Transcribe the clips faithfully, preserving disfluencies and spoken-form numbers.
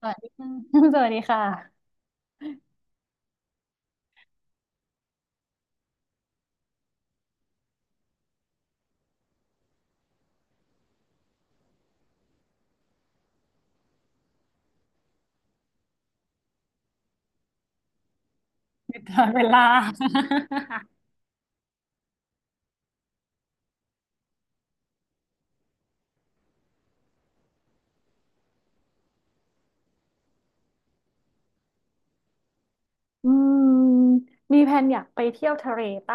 สวัสดีค่ะ สวัสดีค่ะ ตดตลอดเวลาอืมมีแผนอยากไปเที่ยวทะเลใต้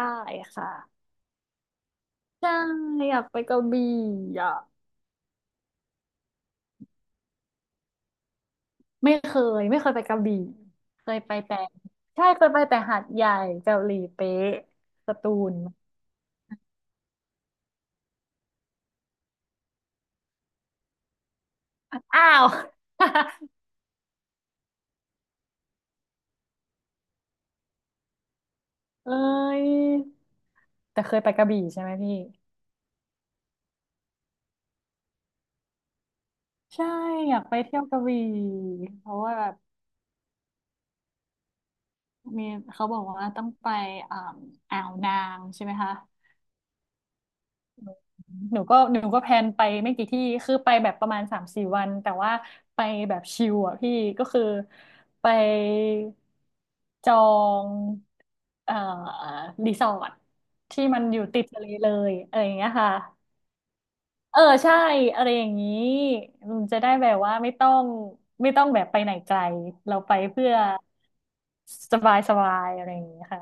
ค่ะใช่อยากไปกระบี่อ่ะไม่เคยไม่เคยไปกระบี่เคยไปแต่ ใช่เคยไปแต่หาดใหญ่กระหลีเป๊ะสตูลอ้าว เอ้ยแต่เคยไปกระบี่ใช่ไหมพี่ ใช่อยากไปเที่ยวกระบี่เพราะว่าแบบมีเขาบอกว่าต้องไปอ่าอ่าวนางใช่ไหมคะ หนูก็หนูก็แพลนไปไม่กี่ที่คือไปแบบประมาณสามสี่วันแต่ว่าไปแบบชิลอ่ะพี่ก็คือไปจองเอ่อรีสอร์ทที่มันอยู่ติดทะเลเลยอะไรอย่างเงี้ยค่ะเออใช่อะไรอย่างนี้มันจะได้แบบว่าไม่ต้องไม่ต้องแบบไปไหนไกลเราไปเพื่อสบายสบายอะไรอย่างนี้ค่ะ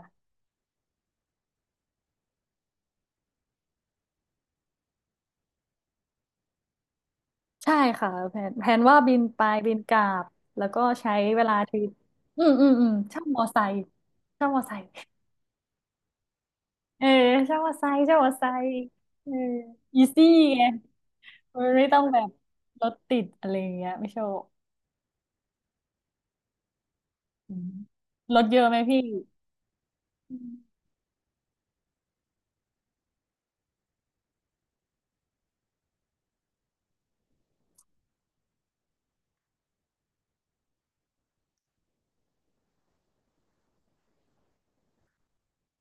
ใช่ค่ะแผนแผนว่าบินไปบินกลับแล้วก็ใช้เวลาทริปอืมอืมอืมเช่ามอไซค์เช่ามอไซค์เออเช่ามอไซค์เช่ามอไซค์เอออีซี่ไงมันไม่ต้องแบบรถติดอะไรอย่างเงี้ยไม่โชคอืมรถเยอะไหมพี่อืม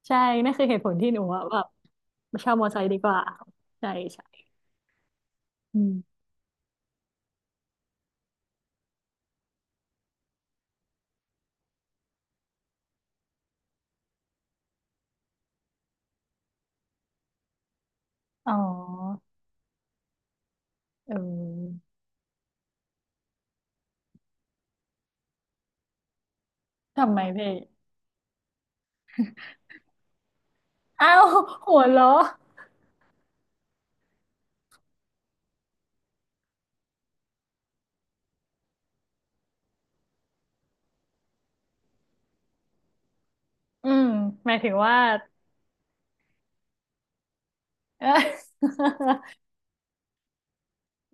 ใช่นั่นคือเหตุผลที่หนูอะแบบเช่ามอไซค์ดีกว่าใช่ใช่อืมอ๋อเออทำไมพี่อ้าวหัวเราะอืมหมายถึงว่า เออ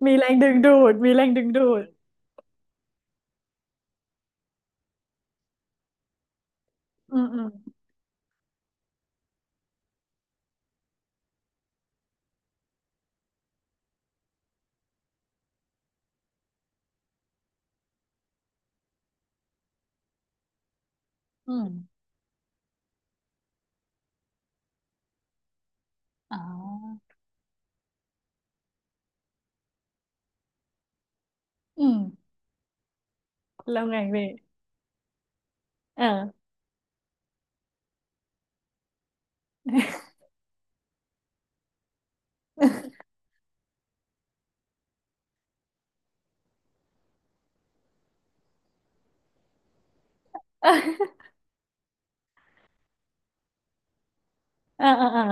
มีแรงดึงดูด มีแรงดึงดูดอืมอืมอืมอ๋ออืมแล้วไงพี่เออ เออเออเออ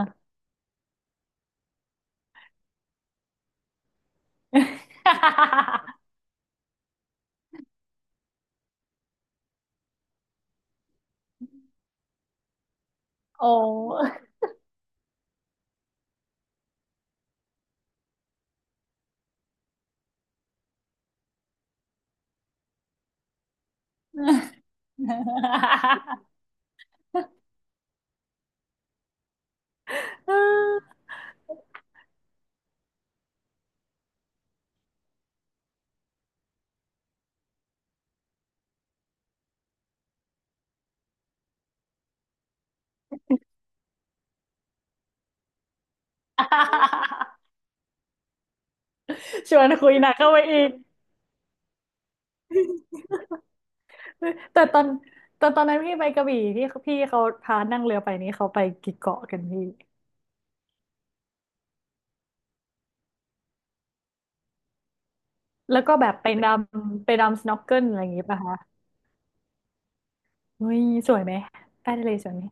โอ้ ชวนคุยหนักเข้าไปอีกแต่ตอนแต่ตอนนั้นพี่ไปกระบี่ที่พี่เขาพานั่งเรือไปนี้เขาไปกี่เกาะกันพี่ แล้วก็แบบไปดำไปดำสโนว์เกิลอะไรอย่างงี้ป่ะคะเฮ้ยสวยไหมใต้ทะเลสวยไหม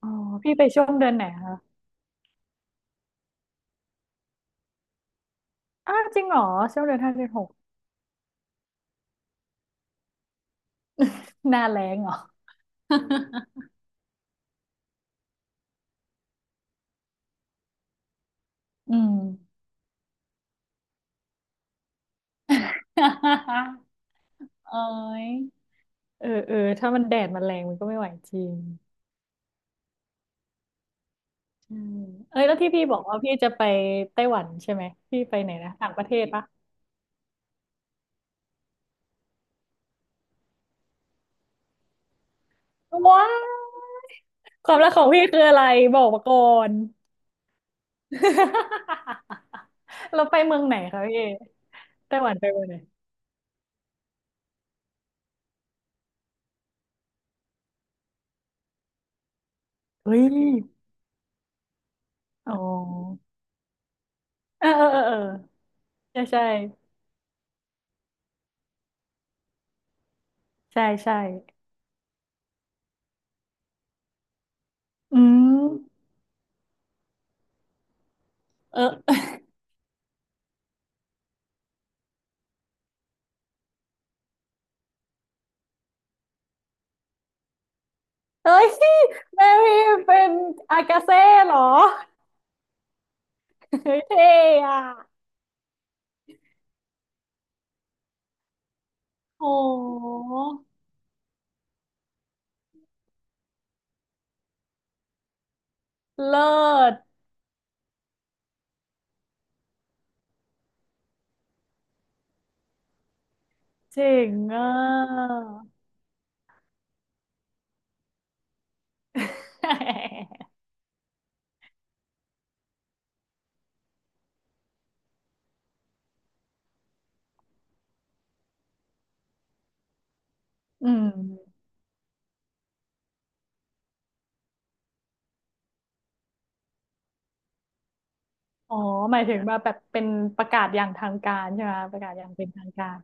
อ๋อพี่ไปช่วงเดือนไหนคะอ้าวจริงเหรอช่วงเดือนห้าเดือนหกหน้าแล้งเหรอ อืม เอ้ยเออเออถ้ามันแดดมันแรงมันก็ไม่ไหวจริงใช่เอ้ยแล้วที่พี่บอกว่าพี่จะไปไต้หวันใช่ไหมพี่ไปไหนนะต่างประเทศปะว้าวความรักของพี่คืออะไรบอกมาก่อน เราไปเมืองไหนคะพี่ไต้หวันไปเมืองไหนเฮ้ยอ๋อเออเออเออเออใช่ใช่ ใช่ใช่ อืมเออเอ้ยแม่พี่เป็นอากาเซ่เหรอเฮ้ย เท่อะโอ้โหเลิศเจ๋งอ่ะ อืมอ๋อหมายถึงว่าแบบเป็นประกาศอย่างทางการใช่ไหมประกาศอย่างเป็นทางการ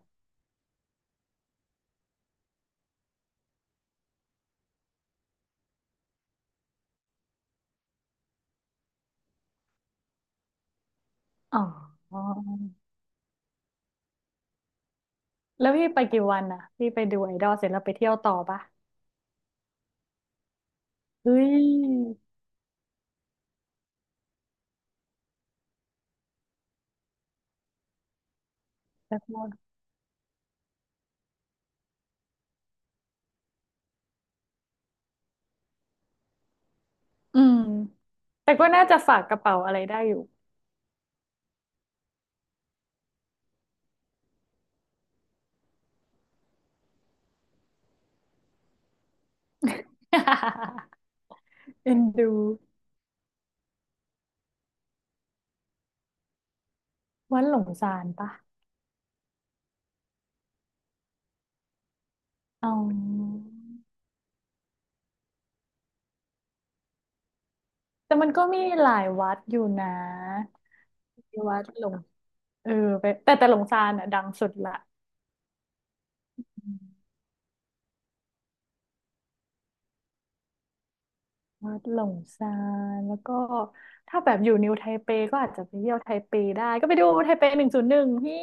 อ๋อแล้วพี่ไปกี่วันอ่ะพี่ไปดูไอดอลเสร็จแล้วไปเที่ยวต่อปะเฮ้ยแต่ก็อืมแต่ก็น่าจะฝากกระเป๋าอะไรได้อยู่ เอ็นดูวัดหลงสารปะอ๋อแต่มันก็มีหลายวัดอยู่นะที่วัดหลงเออไปแต่แต่หลงสานอ่ะดังสุดละอืมวัดหลงซานแล้วก็ถ้าแบบอยู่นิวไทเปก็อาจจะไปเที่ยวไทเปได้ ก็ไปดูไทเปหนึ่งศูนย์หนึ่งพี่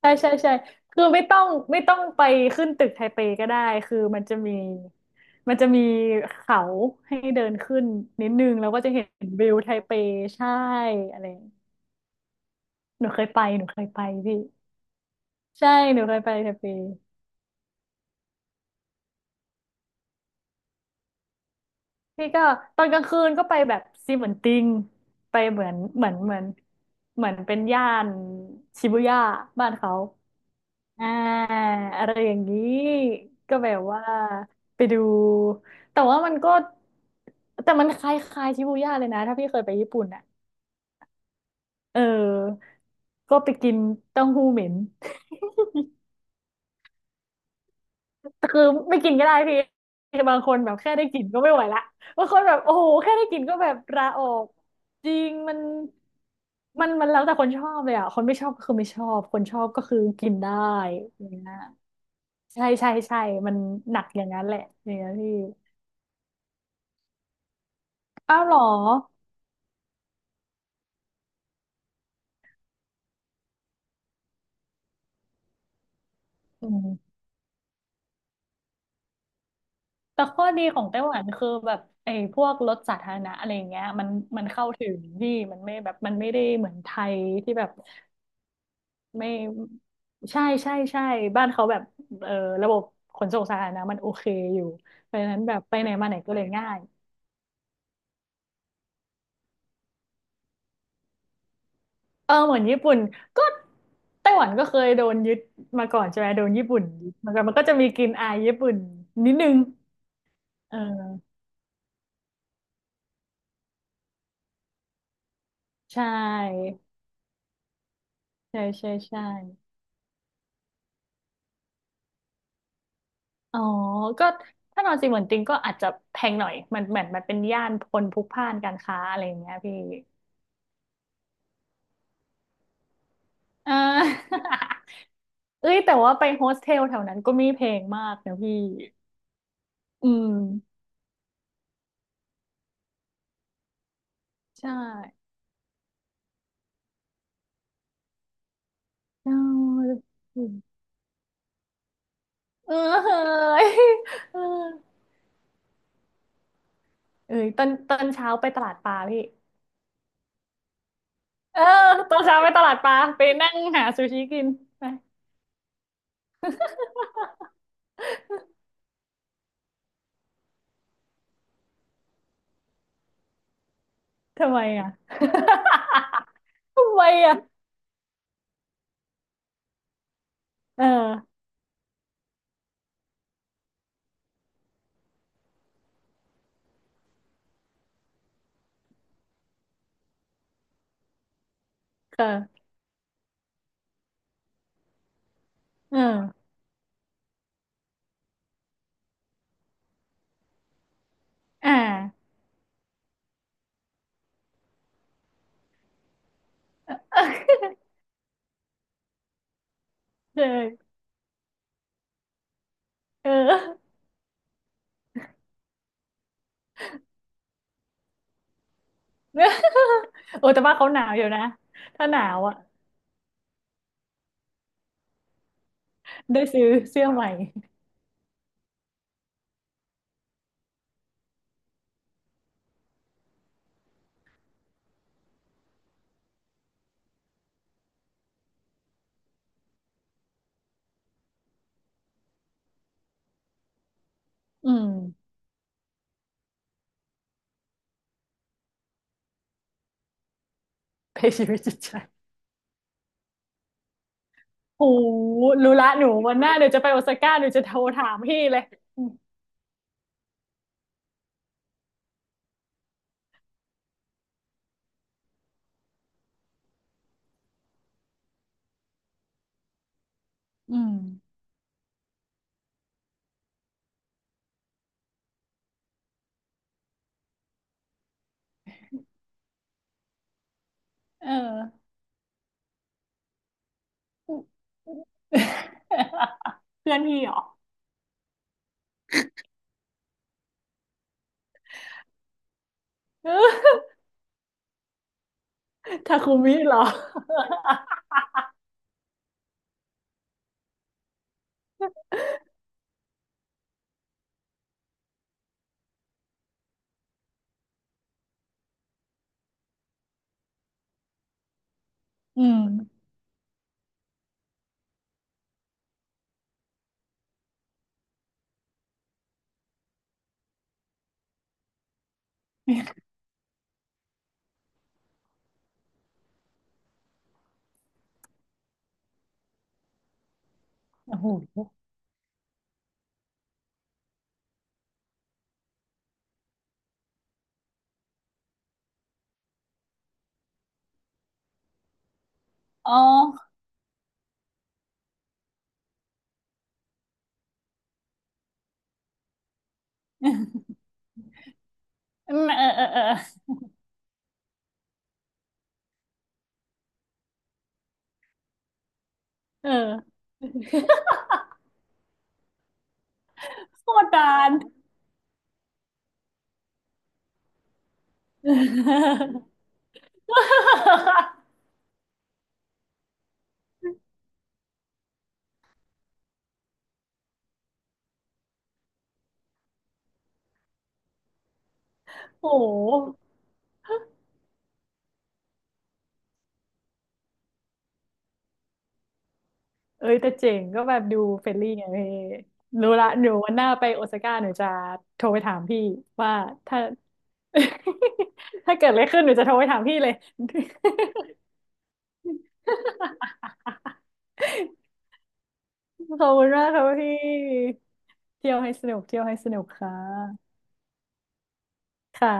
ใช่ใช่ใช่คือไม่ต้องไม่ต้องไปขึ้นตึกไทเปก็ได้ คือมันจะมีมันจะมีเขาให้เดินขึ้นนิดนึงแล้วก็จะเห็นวิวไทเปใช่อะไรหนูเคยไปหนูเคยไปพี่ใช่หนูเคยไปไทเปพี่ก็ตอนกลางคืนก็ไปแบบซีเหมือนติงไปเหมือนเหมือนเหมือนเหมือนเป็นย่านชิบูย่าบ้านเขา อ่าอะไรอย่างนี้ก็แบบว่าไปดูแต่ว่ามันก็แต่มันคล้ายๆชิบูย่าเลยนะถ้าพี่เคยไปญี่ปุ่นอ่ะเออก็ไปกินเต้าหู้เหม็นแต่คือไม่กินก็ได้พี่บางคนแบบแค่ได้กลิ่นก็ไม่ไหวละบางคนแบบโอ้โหแค่ได้กลิ่นก็แบบลาออกจริงมันมันมันแล้วแต่คนชอบเลยอ่ะคนไม่ชอบก็คือไม่ชอบคนชอบก็คือกินได้อย่างเงี้ยใช่ใช่ใช่มันหนักอย่างนั้นแหละอย่างเงี้ยพี่ อ้าวเหรออืมแต่ข้อดีของไต้หวันคือแบบไอ้พวกรถสาธารณะอะไรอย่างเงี้ยมันมันเข้าถึงดีมันไม่แบบมันไม่ได้เหมือนไทยที่แบบไม่ใช่ใช่ใช่บ้านเขาแบบเออระบบขนส่งสาธารณะมันโอเคอยู่เพราะฉะนั้นแบบไปไหนมาไหนก็เลยง่ายเออเหมือนญี่ปุ่นก็ไต้หวันก็เคยโดนยึดมาก่อนใช่ไหมโดนญี่ปุ่นยึดมันก็มันก็จะมีกลิ่นอายญี่ปุ่นนิดนึงเออใช่ใช่ใช่ใช่ อ๋อก็ถ้านอนจริงเหมือนจริงก็อาจจะแพงหน่อยมันเหมือนมันเป็นย่านคนพลุกพล่านการค้าอะไรอย่างเงี้ยพี่เออ เอ้ยแต่ว่าไปโฮสเทลแถวนั้นก็ไม่แพงมากนะพี่ อืมใช่เออเออ เฮ้ยเออเอ้ยตอนตอนเช้าไปตลาดปลาพี่เออตอนเช้าไปตลาดปลาไปนั่งหาซูชิกินไปทำไมอ่ะ ทำไมอ่ะเออเออเอออ่า เออเออ โอ้แต่ว่าเขาหนาวอยู่นะถ้าหนาวอ่ะได้ซื้อเสื้อใหม่อืมเพชีวิตจิตใจโอ้รู้ละหนูวันหน้าเดี๋ยวจะไปโอซาก้าหนูจะโทรถามพี่เลยอืมเออ เพื่อนพี่เหรอ ทาคุมิเหรออืมโอ้โหอ๋อเออเออเออเออเออ โคตรนาน โอ้โห เอ้ยแต่เจ๋งก็แบบดูเฟรนลี่ไงพี่รู้ละหนูวันหน้าไปโอซาก้าหนูจะโทรไปถามพี่ว่าถ้า ถ้าเกิดอะไรขึ้นหนูจะโทรไปถามพี่เลย ขอบคุณมากครับพี่เที่ยวให้สนุกเที่ยวให้สนุกค่ะค่ะ